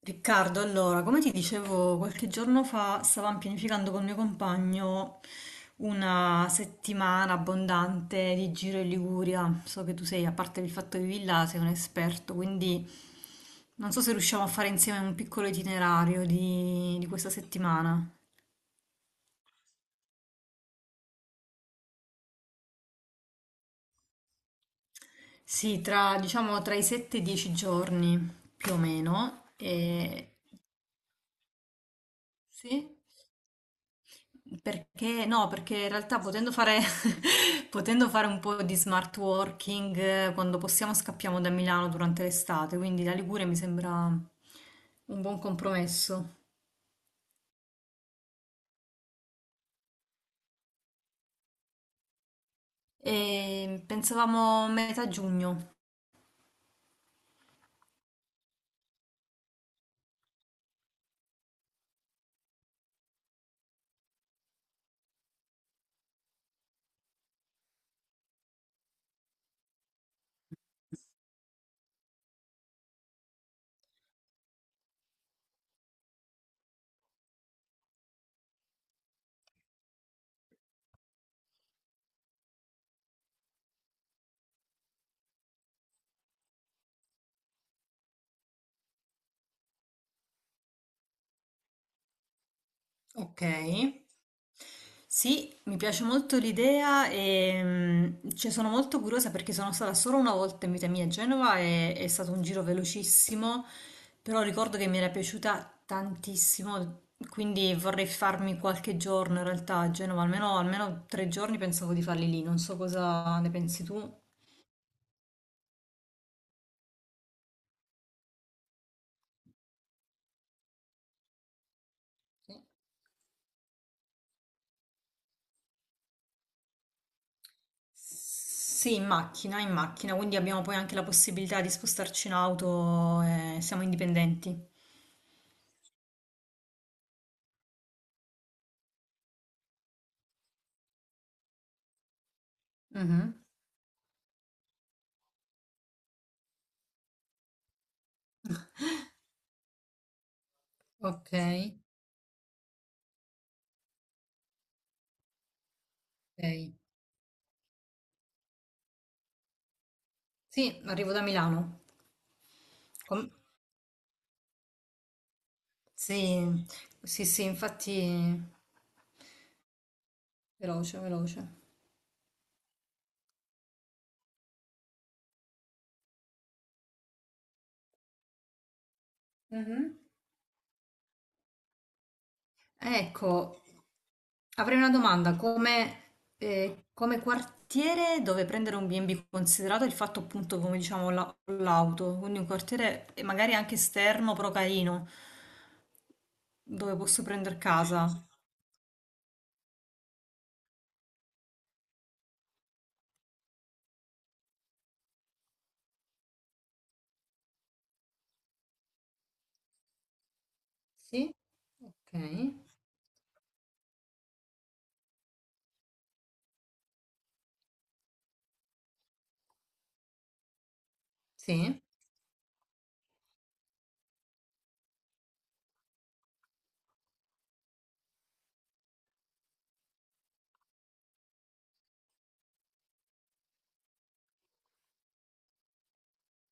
Riccardo, allora, come ti dicevo qualche giorno fa, stavamo pianificando col mio compagno una settimana abbondante di giro in Liguria. So che tu sei, a parte il fatto che vivi là, sei un esperto, quindi non so se riusciamo a fare insieme un piccolo itinerario di questa settimana. Sì, tra, diciamo, tra i 7 e i 10 giorni, più o meno. Sì? Perché no, perché in realtà potendo fare, potendo fare un po' di smart working, quando possiamo scappiamo da Milano durante l'estate, quindi la Liguria mi sembra un buon compromesso. E pensavamo metà giugno. Ok. Sì, mi piace molto l'idea e cioè, sono molto curiosa perché sono stata solo una volta in vita mia a Genova e è stato un giro velocissimo, però ricordo che mi era piaciuta tantissimo, quindi vorrei farmi qualche giorno in realtà a Genova, almeno, almeno 3 giorni pensavo di farli lì, non so cosa ne pensi tu. Sì, in macchina, quindi abbiamo poi anche la possibilità di spostarci in auto e siamo indipendenti. Mhm. Ok. Ok. Sì, arrivo da Milano. Com- sì, sì, sì, infatti, veloce, veloce. Mhm. Ecco, avrei una domanda. Come, come quartiere dove prendere un B&B, considerato il fatto appunto, come diciamo, l'auto, quindi un quartiere magari anche esterno, però carino, dove posso prendere casa? Sì, ok, sì.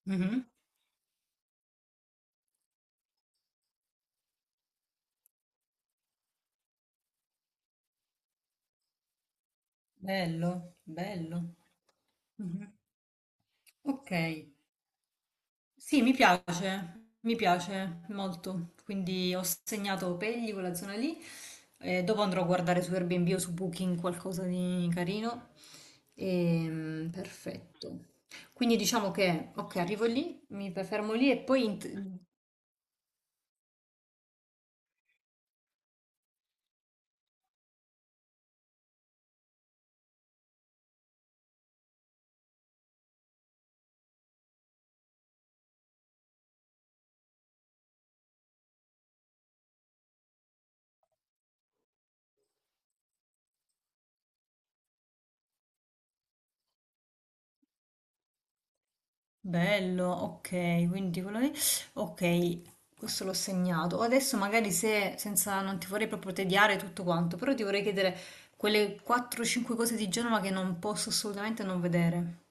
Mhm. Bello, bello. Mhm. Ok, sì, mi piace molto. Quindi ho segnato Pegli, quella zona lì. E dopo andrò a guardare su Airbnb o su Booking qualcosa di carino. Perfetto. Quindi diciamo che, ok, arrivo lì, mi fermo lì. Bello, ok, quindi quello lì, ok, questo l'ho segnato. Adesso magari se, senza, non ti vorrei proprio tediare tutto quanto, però ti vorrei chiedere quelle 4-5 cose di Genova che non posso assolutamente non vedere.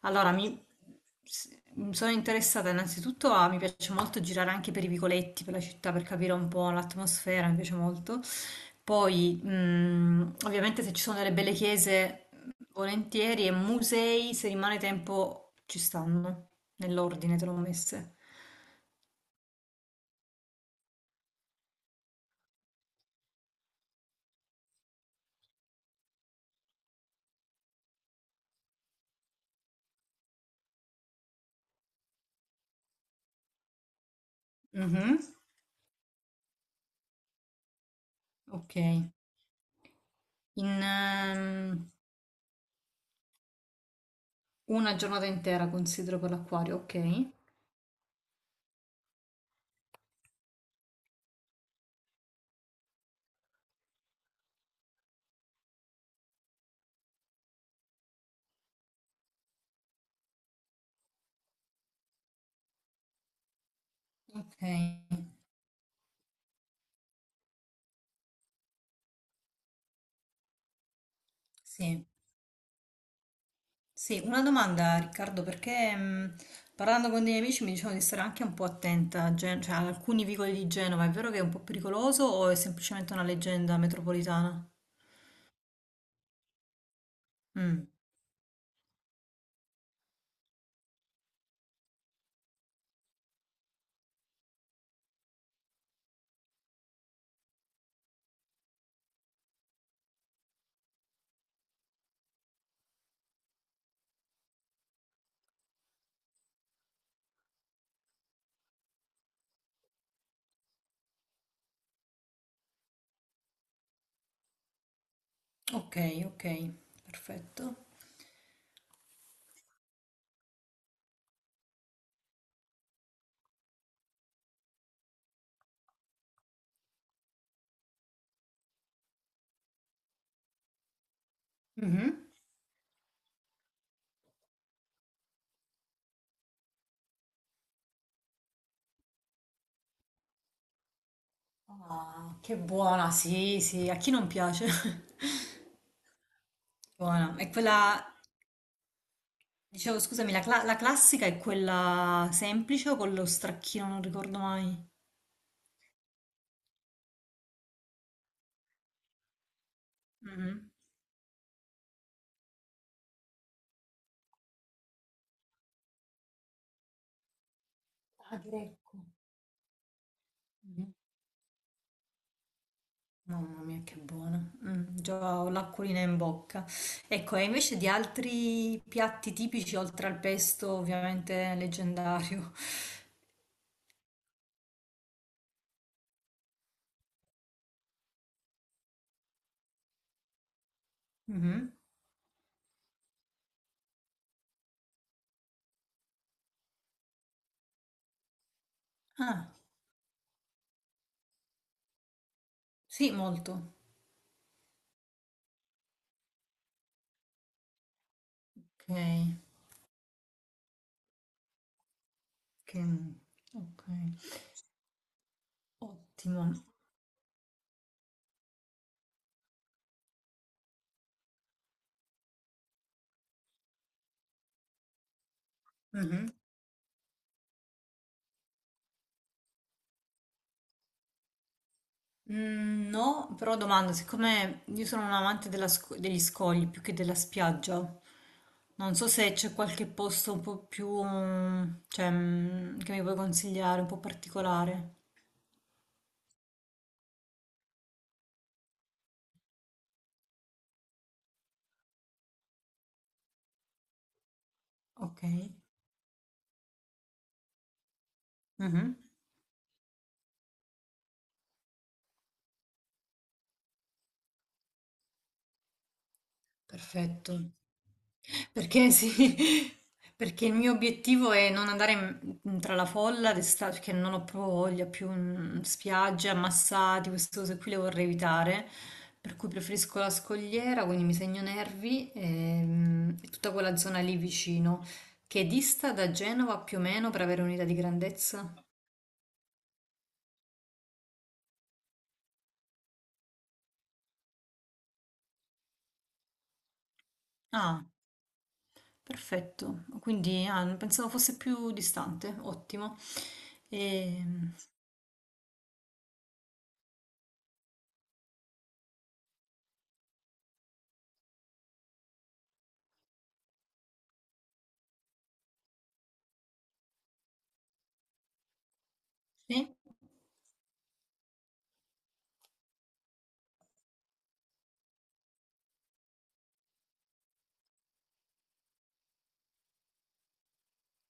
Allora, s- mi sono interessata innanzitutto a, mi piace molto girare anche per i vicoletti, per la città, per capire un po' l'atmosfera, mi piace molto. Poi, ovviamente se ci sono delle belle chiese, volentieri, e musei, se rimane tempo, ci stanno, nell'ordine te l'ho messe. Mhm. Ok. Ehm, una giornata intera considero per l'acquario, ok? Ok, sì. Sì, una domanda Riccardo, perché parlando con dei miei amici mi dicevano di stare anche un po' attenta cioè, ad alcuni vicoli di Genova, è vero che è un po' pericoloso o è semplicemente una leggenda metropolitana? Mm. Ok, ok, perfetto. Mhm. Ah, che buona, sì, sì, a chi non piace? Buona, è quella, dicevo scusami, la, la classica è quella semplice o con lo stracchino, non ricordo mai. Mhm. Ah, greco. Mamma mia, che buona. Già ho l'acquolina in bocca. Ecco, e invece di altri piatti tipici, oltre al pesto, ovviamente leggendario. Mhm. Ah, sì, molto. Ok, che- ok. Ottimo. Mhm. Mm, no, però domanda, siccome io sono un amante della degli scogli più che della spiaggia, non so se c'è qualche posto un po' più, cioè, che mi puoi consigliare, un po' particolare. Ok, mhm. Perfetto. Perché sì, perché il mio obiettivo è non andare tra la folla d'estate, perché non ho proprio voglia più spiagge, ammassati, queste cose qui le vorrei evitare, per cui preferisco la scogliera, quindi mi segno Nervi e, tutta quella zona lì vicino, che dista da Genova più o meno per avere un'idea di grandezza. Ah, perfetto. Quindi ah, pensavo fosse più distante, ottimo. Ehm, Sì.